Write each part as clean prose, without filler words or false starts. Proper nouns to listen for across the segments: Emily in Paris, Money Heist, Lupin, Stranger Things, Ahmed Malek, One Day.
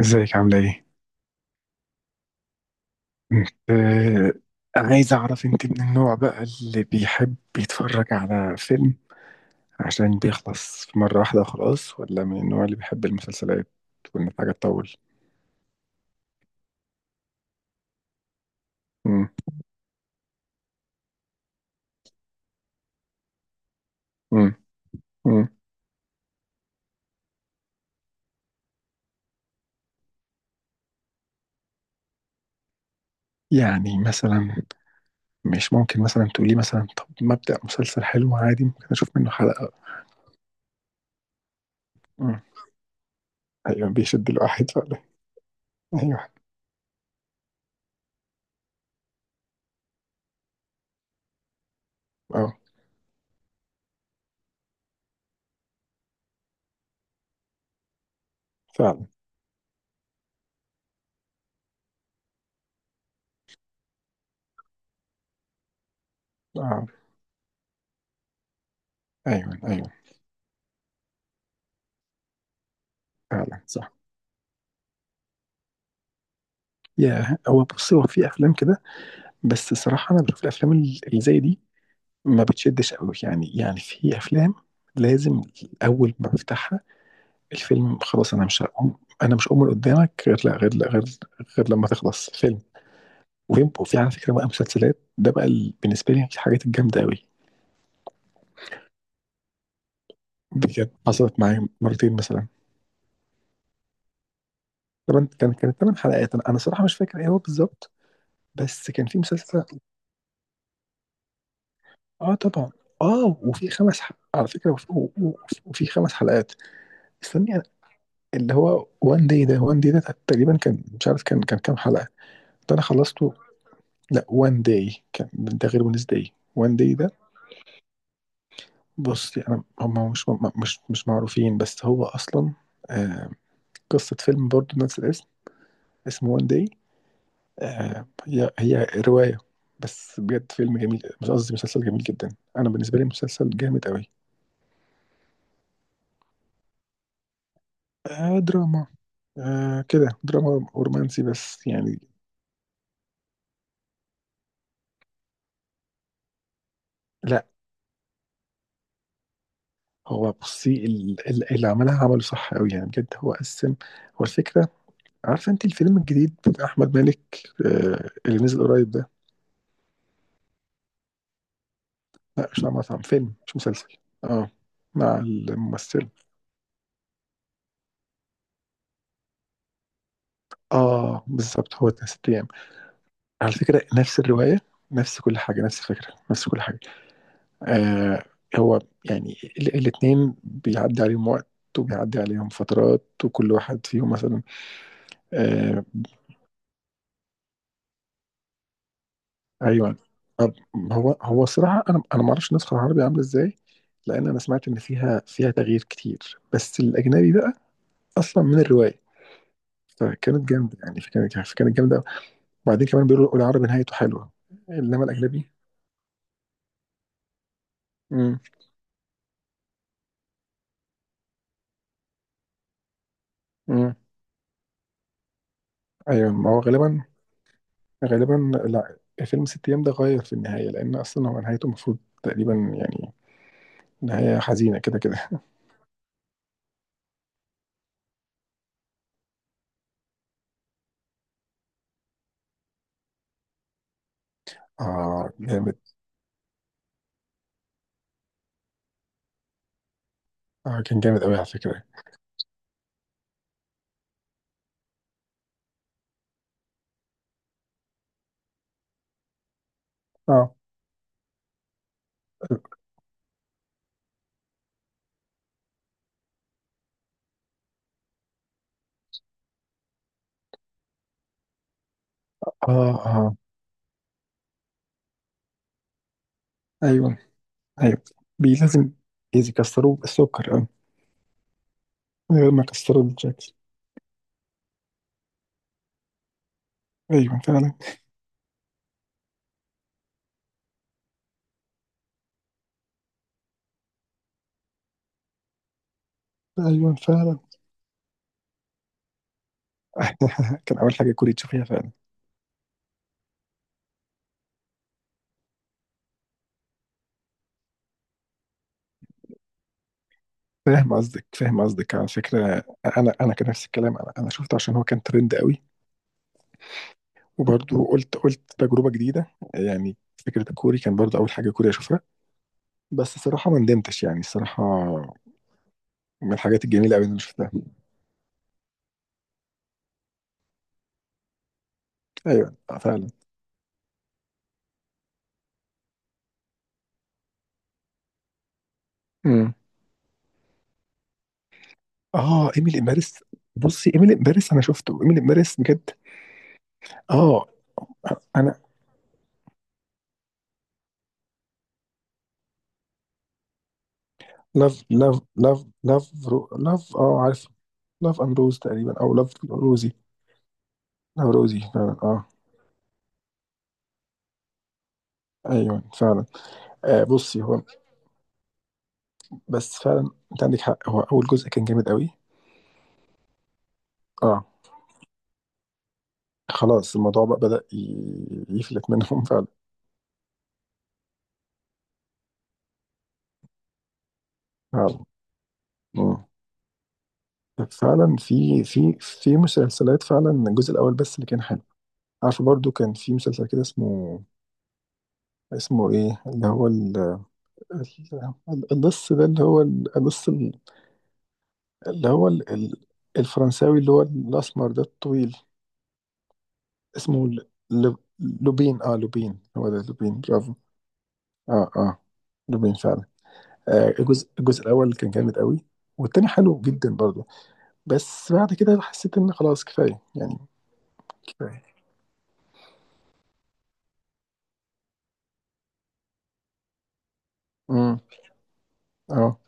ازيك عاملة ايه؟ انت. عايز اعرف انت من النوع بقى اللي بيحب يتفرج على فيلم عشان بيخلص في مرة واحدة وخلاص، ولا من النوع اللي بيحب المسلسلات وان الحاجة تطول؟ مم. مم. مم. يعني مثلا مش ممكن مثلا تقولي مثلا طب ما ابدأ مسلسل حلو عادي، ممكن اشوف منه حلقة؟ مم. ايوه بيشد الواحد فعلا. ايوه. اه. فعلا. اه. ايوه ايوه. فعلا صح. يا هو بصي، هو في افلام كده، بس الصراحة أنا بشوف الأفلام اللي زي دي ما بتشدش قوي يعني. يعني في أفلام لازم أول ما بفتحها الفيلم خلاص، أنا مش هقوم من قدامك غير لا غير لا غير غير لما تخلص فيلم. وفي على فكرة بقى، مسلسلات ده بقى بالنسبة لي الحاجات الجامدة قوي. بجد حصلت معايا مرتين مثلا. طبعا كانت 8 حلقات، أنا صراحة مش فاكر إيه هو بالظبط، بس كان في مسلسل. آه طبعا. آه، وفي على فكرة، وفي 5 حلقات. استني. اللي هو وان داي ده، تقريبا كان مش عارف كان كام حلقة. ده انا خلصته. لا، وان داي كان ده غير ونس داي. وان داي ده، بص انا هم مش، مش معروفين، بس هو اصلا آه، قصة فيلم برضه نفس الاسم، اسمه وان داي. آه، هي رواية، بس بجد فيلم جميل، مش قصدي مسلسل جميل جدا. انا بالنسبة لي مسلسل جامد قوي. آه دراما. آه كده دراما ورومانسي بس يعني. لا، هو بصي اللي عملها عمله صح قوي يعني، بجد هو قسم. هو الفكره، عارفه انت الفيلم الجديد بتاع احمد مالك آه، اللي نزل قريب ده؟ لا، مش عمل مطعم. فيلم مش مسلسل. اه، مع الممثله. اه بالظبط، هو ده ست ايام. على فكره نفس الروايه، نفس كل حاجه، نفس الفكره، نفس كل حاجه. آه. هو يعني الاتنين بيعدي عليهم وقت، وبيعدي عليهم فترات، وكل واحد فيهم مثلا، آه، ايوه. طب، هو الصراحه انا ما اعرفش النسخه العربي عامله ازاي، لان انا سمعت ان فيها تغيير كتير، بس الاجنبي بقى اصلا من الروايه، فكانت جامده يعني، فكانت جامده. وبعدين كمان بيقولوا العربي نهايته حلوه، انما الاجنبي. امم. امم. ايوه ما هو غالبا. غالبا. لا، فيلم ست ايام ده غير في النهايه، لان اصلا هو نهايته المفروض تقريبا يعني نهايه حزينه كده كده. اه جامد. اه كان جامد قوي على فكره. اه اه اه. ايوه ايوه. بي لازم إذا كسروه بالسكر، اه. من غير ما كسروا الشكل. ايوه فعلا. ايوه فعلا. كان اول حاجه كوري تشوفيها فعلا. فاهم قصدك، فاهم قصدك. على فكره انا كان نفس الكلام، انا شفته عشان هو كان ترند قوي. وبرضه قلت تجربه جديده يعني، فكره الكوري كان برضه اول حاجه كوري اشوفها، بس الصراحه ما ندمتش يعني. الصراحه من الحاجات الجميله قوي اللي انا شفتها. ايوه آه، فعلا. امم. اه، ايميلي امبارس. بصي ايميلي امبارس، انا شفته ايميلي امبارس بجد. اه انا. لاف، اه عارف. لاف امروز تقريبا، او لاف روزي. لاف روزي فعلا اه. ايوه فعلا. آه بصي هو، بس فعلا انت عندك حق، هو اول جزء كان جامد قوي. اه، خلاص الموضوع بقى بدأ يفلت منهم. فعلا. فعلا. مم. فعلا، في في مسلسلات فعلا الجزء الاول بس اللي كان حلو. عارفه برضو كان في مسلسل كده اسمه، اسمه ايه اللي هو ال- ال- القص ده اللي هو القص، اللي هو ال- ال- الفرنساوي اللي هو الأسمر ده الطويل، اسمه لوبين. اه لوبين، هو ده لوبين، برافو. اه اه لوبين فعلا. آه، الجزء الأول كان جامد قوي، والتاني حلو جدا برضه. بس بعد كده حسيت إن خلاص كفاية يعني. كفاية. امم. اه،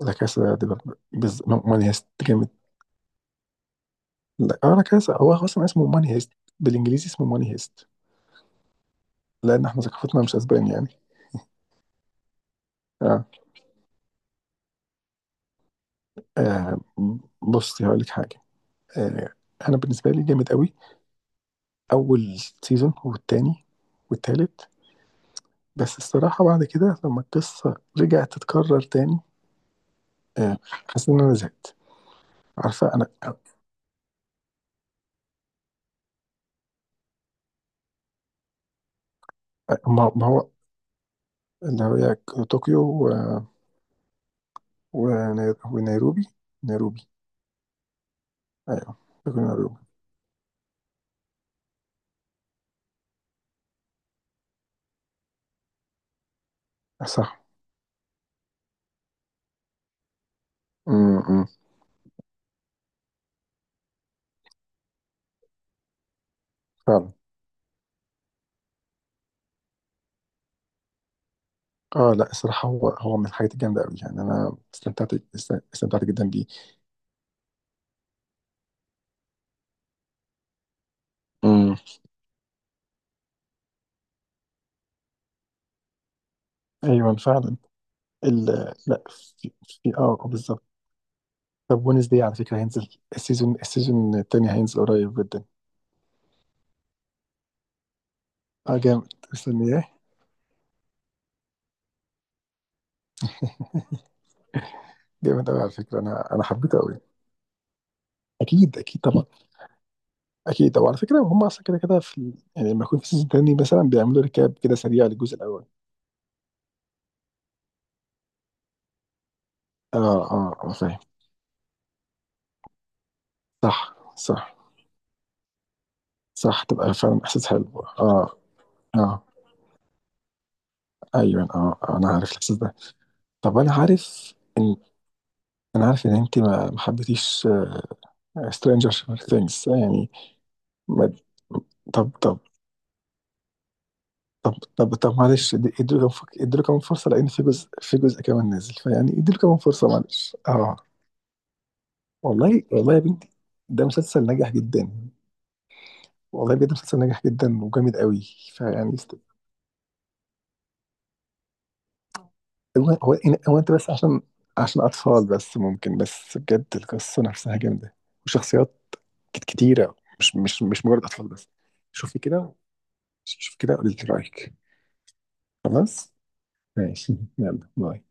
لا كاسا دي ماني هيست جامد. لا اه، لا كاسا هو أصلا اسمه ماني هيست، بالإنجليزي اسمه ماني هيست، لأن احنا ثقافتنا مش أسباني يعني. اه, آه. بصي هقول لك حاجة، آه، انا بالنسبه لي جامد قوي اول سيزون والتاني والتالت، بس الصراحه بعد كده لما القصه رجعت تتكرر تاني آه، حسيت ان انا زهقت. عارفه انا آه، ما هو اللي هي طوكيو و ونيروبي. نيروبي ايوه، طوكيو ونيروبي. صح. امم. فعلا. اه لا، الصراحه هو من الحاجات الجامده قوي يعني، انا استمتعت، استمتعت جدا بيه. امم. ايوه فعلا. ال... لا، في, في... اه آه، بالظبط. طب، ونس دي على فكرة هينزل السيزون التاني هينزل قريب جدا. اه جامد، مستنياه. جامد قوي على فكرة، انا حبيته قوي. اكيد اكيد طبعا. اكيد. وعلى فكرة هم اصلا كده كده في يعني لما يكون في سيزون تاني مثلا بيعملوا ريكاب كده سريع للجزء الاول. اه اه اه فاهم. صح صح صح. تبقى فعلا احساس حلو اه. اه ايوه اه آه، انا عارف الاحساس ده. طب انا عارف ان، انا عارف ان انت ما حبيتيش سترينجر ثينجز يعني. ما... طب طب طب معلش ادوا كمان، ادوا له كمان فرصه، لان في جزء، في جزء كمان نازل، فيعني ادوا له كمان فرصه معلش اه. والله والله يا بنتي، ده مسلسل ناجح جدا، والله بجد مسلسل ناجح جدا وجامد قوي. فيعني هو هو هو انت بس عشان، اطفال بس، ممكن بس بجد القصه نفسها جامده، وشخصيات كتيره، مش مجرد اطفال بس. شوفي كده، شوفي كده قولي لي رايك. خلاص ماشي، يلا باي.